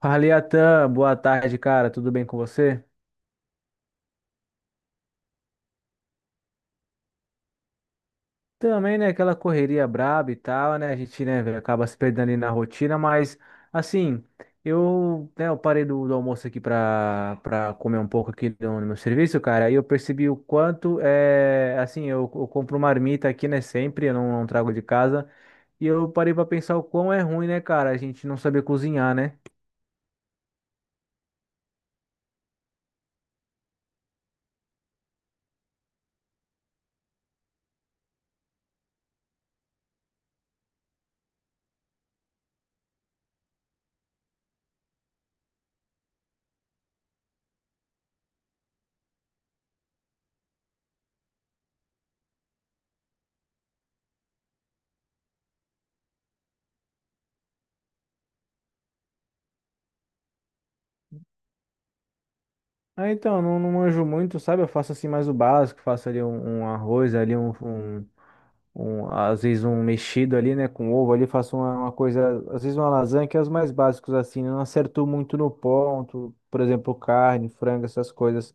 Fala, Iatan, boa tarde, cara. Tudo bem com você? Também, né, aquela correria braba e tal, né? A gente, né, velho, acaba se perdendo ali na rotina, mas assim, eu, né, eu parei do almoço aqui pra comer um pouco aqui no meu serviço, cara, e eu percebi o quanto é, assim, eu compro marmita aqui, né, sempre, eu não trago de casa, e eu parei pra pensar o quão é ruim, né, cara, a gente não saber cozinhar, né? Ah, então, não manjo muito, sabe? Eu faço assim mais o básico, faço ali um arroz, ali um às vezes um mexido ali, né, com ovo ali, faço uma coisa, às vezes uma lasanha, que é os mais básicos assim, né? Não acerto muito no ponto, por exemplo, carne, frango, essas coisas.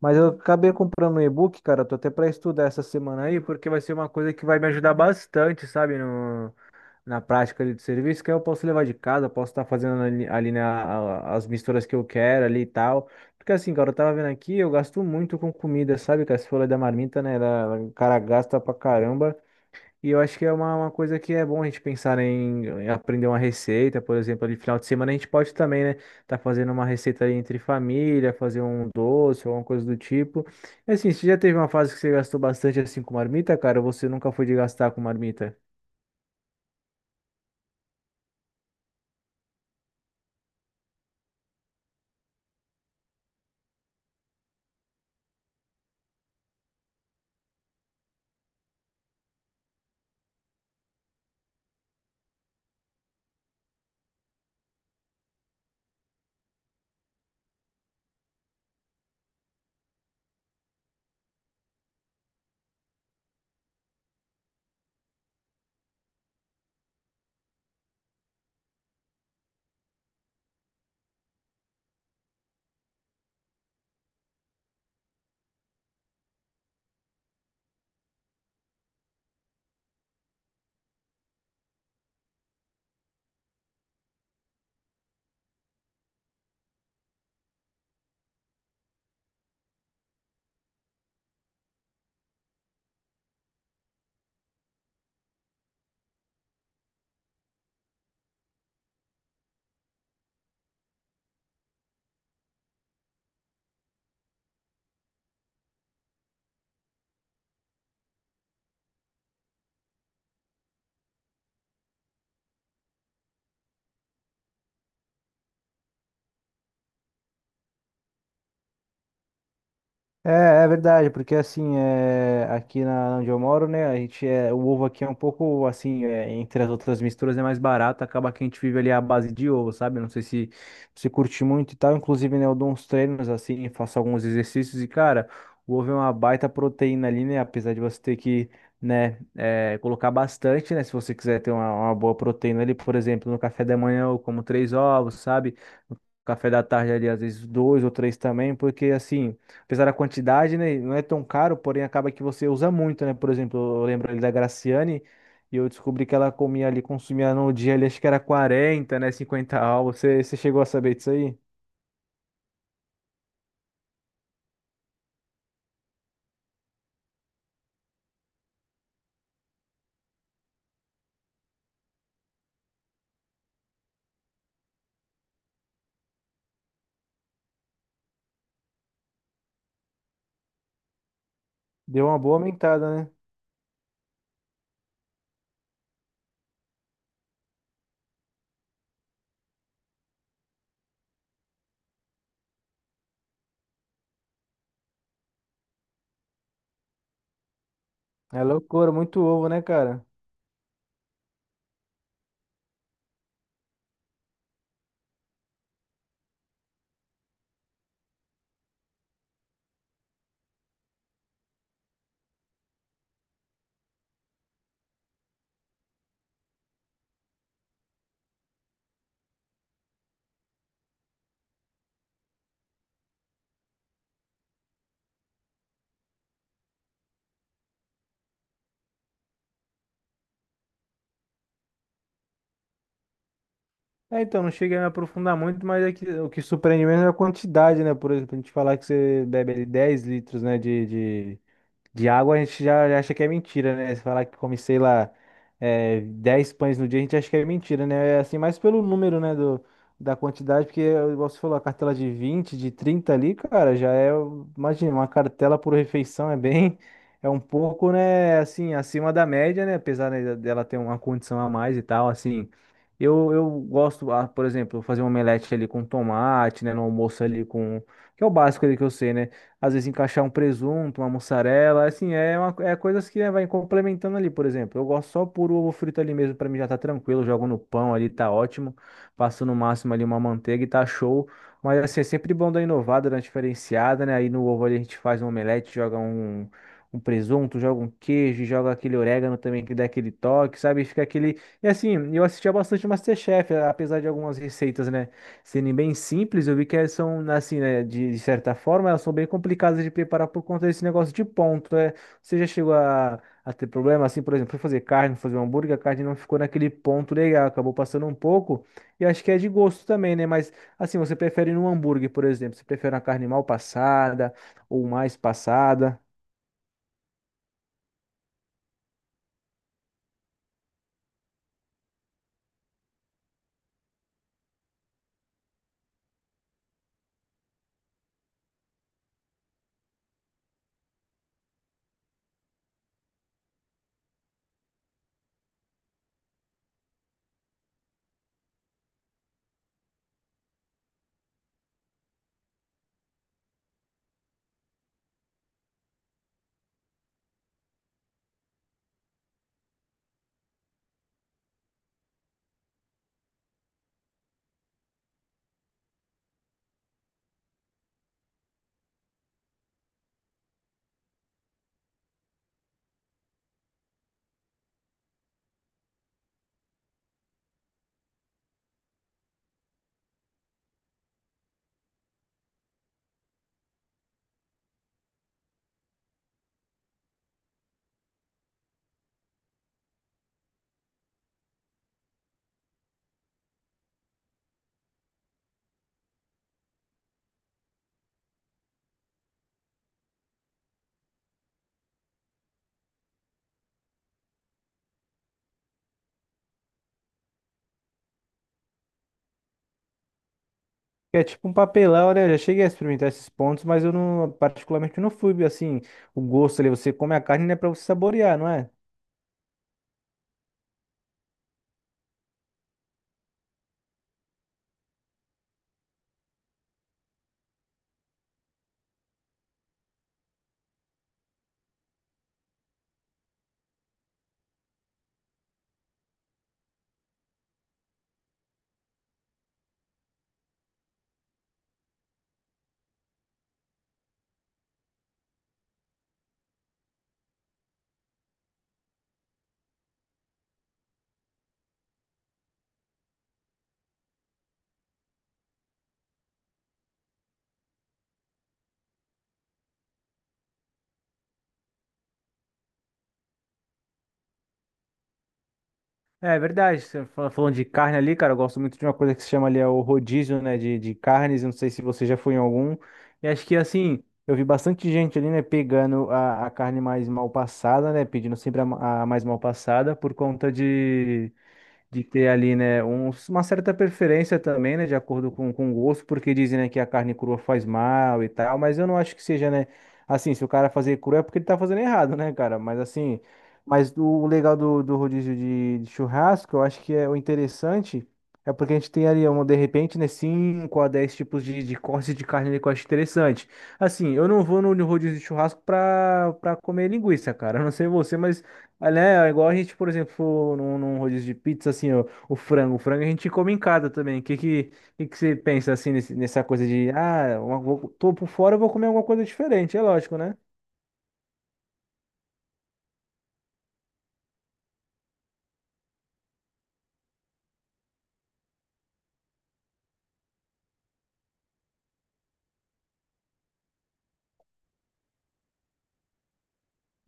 Mas eu acabei comprando um e-book, cara, tô até pra estudar essa semana aí, porque vai ser uma coisa que vai me ajudar bastante, sabe, na prática ali do serviço, que aí eu posso levar de casa, posso estar fazendo ali, ali as misturas que eu quero ali e tal. Porque assim, cara, eu tava vendo aqui, eu gasto muito com comida, sabe? Que as folhas da marmita, né? O cara gasta pra caramba. E eu acho que é uma coisa que é bom a gente pensar em aprender uma receita, por exemplo, ali final de semana a gente pode também, né? Tá fazendo uma receita ali entre família, fazer um doce, alguma coisa do tipo. E assim, você já teve uma fase que você gastou bastante assim com marmita, cara, ou você nunca foi de gastar com marmita? É, é verdade, porque assim, é, aqui na onde eu moro, né, a gente é, o ovo aqui é um pouco assim, é, entre as outras misturas é mais barato, acaba que a gente vive ali à base de ovo, sabe? Não sei se você curte muito e tal, inclusive, né, eu dou uns treinos assim, faço alguns exercícios e, cara, o ovo é uma baita proteína ali, né, apesar de você ter que, né, é, colocar bastante, né, se você quiser ter uma boa proteína ali, por exemplo, no café da manhã eu como 3 ovos, sabe? No café da tarde ali, às vezes dois ou três também, porque assim. Apesar da quantidade, né, não é tão caro, porém acaba que você usa muito, né? Por exemplo, eu lembro ali da Graciane e eu descobri que ela comia ali, consumia no dia ali, acho que era 40, né? 50 ovos. Você chegou a saber disso aí? Deu uma boa aumentada, né? É loucura, muito ovo, né, cara? É, então, não cheguei a me aprofundar muito, mas é que, o que surpreende mesmo é a quantidade, né? Por exemplo, a gente falar que você bebe ali 10 litros, né, de de água a gente já, já acha que é mentira, né? Se falar que come, sei lá, é, 10 pães no dia, a gente acha que é mentira, né? É assim, mais pelo número, né, do, da quantidade, porque, igual você falou, a cartela de 20 de 30 ali, cara, já é, imagina, uma cartela por refeição é bem, é um pouco, né, assim, acima da média, né? Apesar, né, dela ter uma condição a mais e tal, assim. Eu gosto, ah, por exemplo, fazer um omelete ali com tomate, né, no almoço ali com, que é o básico ali que eu sei, né? Às vezes encaixar um presunto, uma mussarela, assim, é, uma, é coisas que né, vai complementando ali, por exemplo. Eu gosto só por ovo frito ali mesmo, pra mim já tá tranquilo, jogo no pão ali, tá ótimo. Passo no máximo ali uma manteiga e tá show. Mas assim, é sempre bom dar inovada, dar uma diferenciada, né? Aí no ovo ali a gente faz um omelete, joga um, um presunto, joga um queijo, joga aquele orégano também que dá aquele toque, sabe? Fica aquele. E assim, eu assistia bastante MasterChef, apesar de algumas receitas, né? Serem bem simples, eu vi que elas são, assim, né, de certa forma, elas são bem complicadas de preparar por conta desse negócio de ponto, né? Você já chegou a ter problema, assim, por exemplo, foi fazer carne, fazer um hambúrguer, a carne não ficou naquele ponto legal, acabou passando um pouco, e acho que é de gosto também, né? Mas, assim, você prefere num hambúrguer, por exemplo, você prefere uma carne mal passada ou mais passada? É tipo um papelão, né? Eu já cheguei a experimentar esses pontos, mas eu não, particularmente, não fui, assim, o gosto ali, você come a carne, né, pra você saborear, não é? É é verdade, você falando de carne ali, cara, eu gosto muito de uma coisa que se chama ali é o rodízio, né, de carnes, eu não sei se você já foi em algum, e acho que assim, eu vi bastante gente ali, né, pegando a carne mais mal passada, né, pedindo sempre a mais mal passada por conta de ter ali, né, uma certa preferência também, né, de acordo com o gosto, porque dizem, né, que a carne crua faz mal e tal, mas eu não acho que seja, né, assim, se o cara fazer cru é porque ele tá fazendo errado, né, cara, mas assim, mas o legal do rodízio de churrasco, eu acho que é o interessante, é porque a gente tem ali, um, de repente, né, 5 a 10 tipos de cortes de carne ali que eu acho interessante. Assim, eu não vou no rodízio de churrasco pra comer linguiça, cara, eu não sei você, mas Olha, é igual a gente, por exemplo, num rodízio de pizza, assim, ó, o frango. O frango a gente come em casa também. O que você pensa, assim, nessa coisa de, ah, uma, vou, tô por fora, eu vou comer alguma coisa diferente, é lógico, né?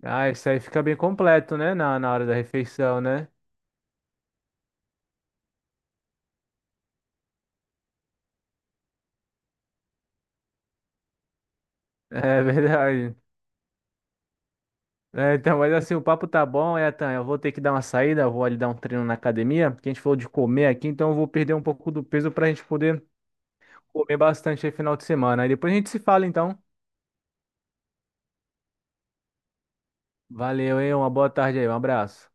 Ah, isso aí fica bem completo, né, na hora da refeição, né? É verdade. É, então, mas assim, o papo tá bom, Etan. Eu vou ter que dar uma saída, eu vou ali dar um treino na academia, porque a gente falou de comer aqui, então eu vou perder um pouco do peso pra gente poder comer bastante aí final de semana. Aí depois a gente se fala, então. Valeu, hein? Uma boa tarde aí, um abraço.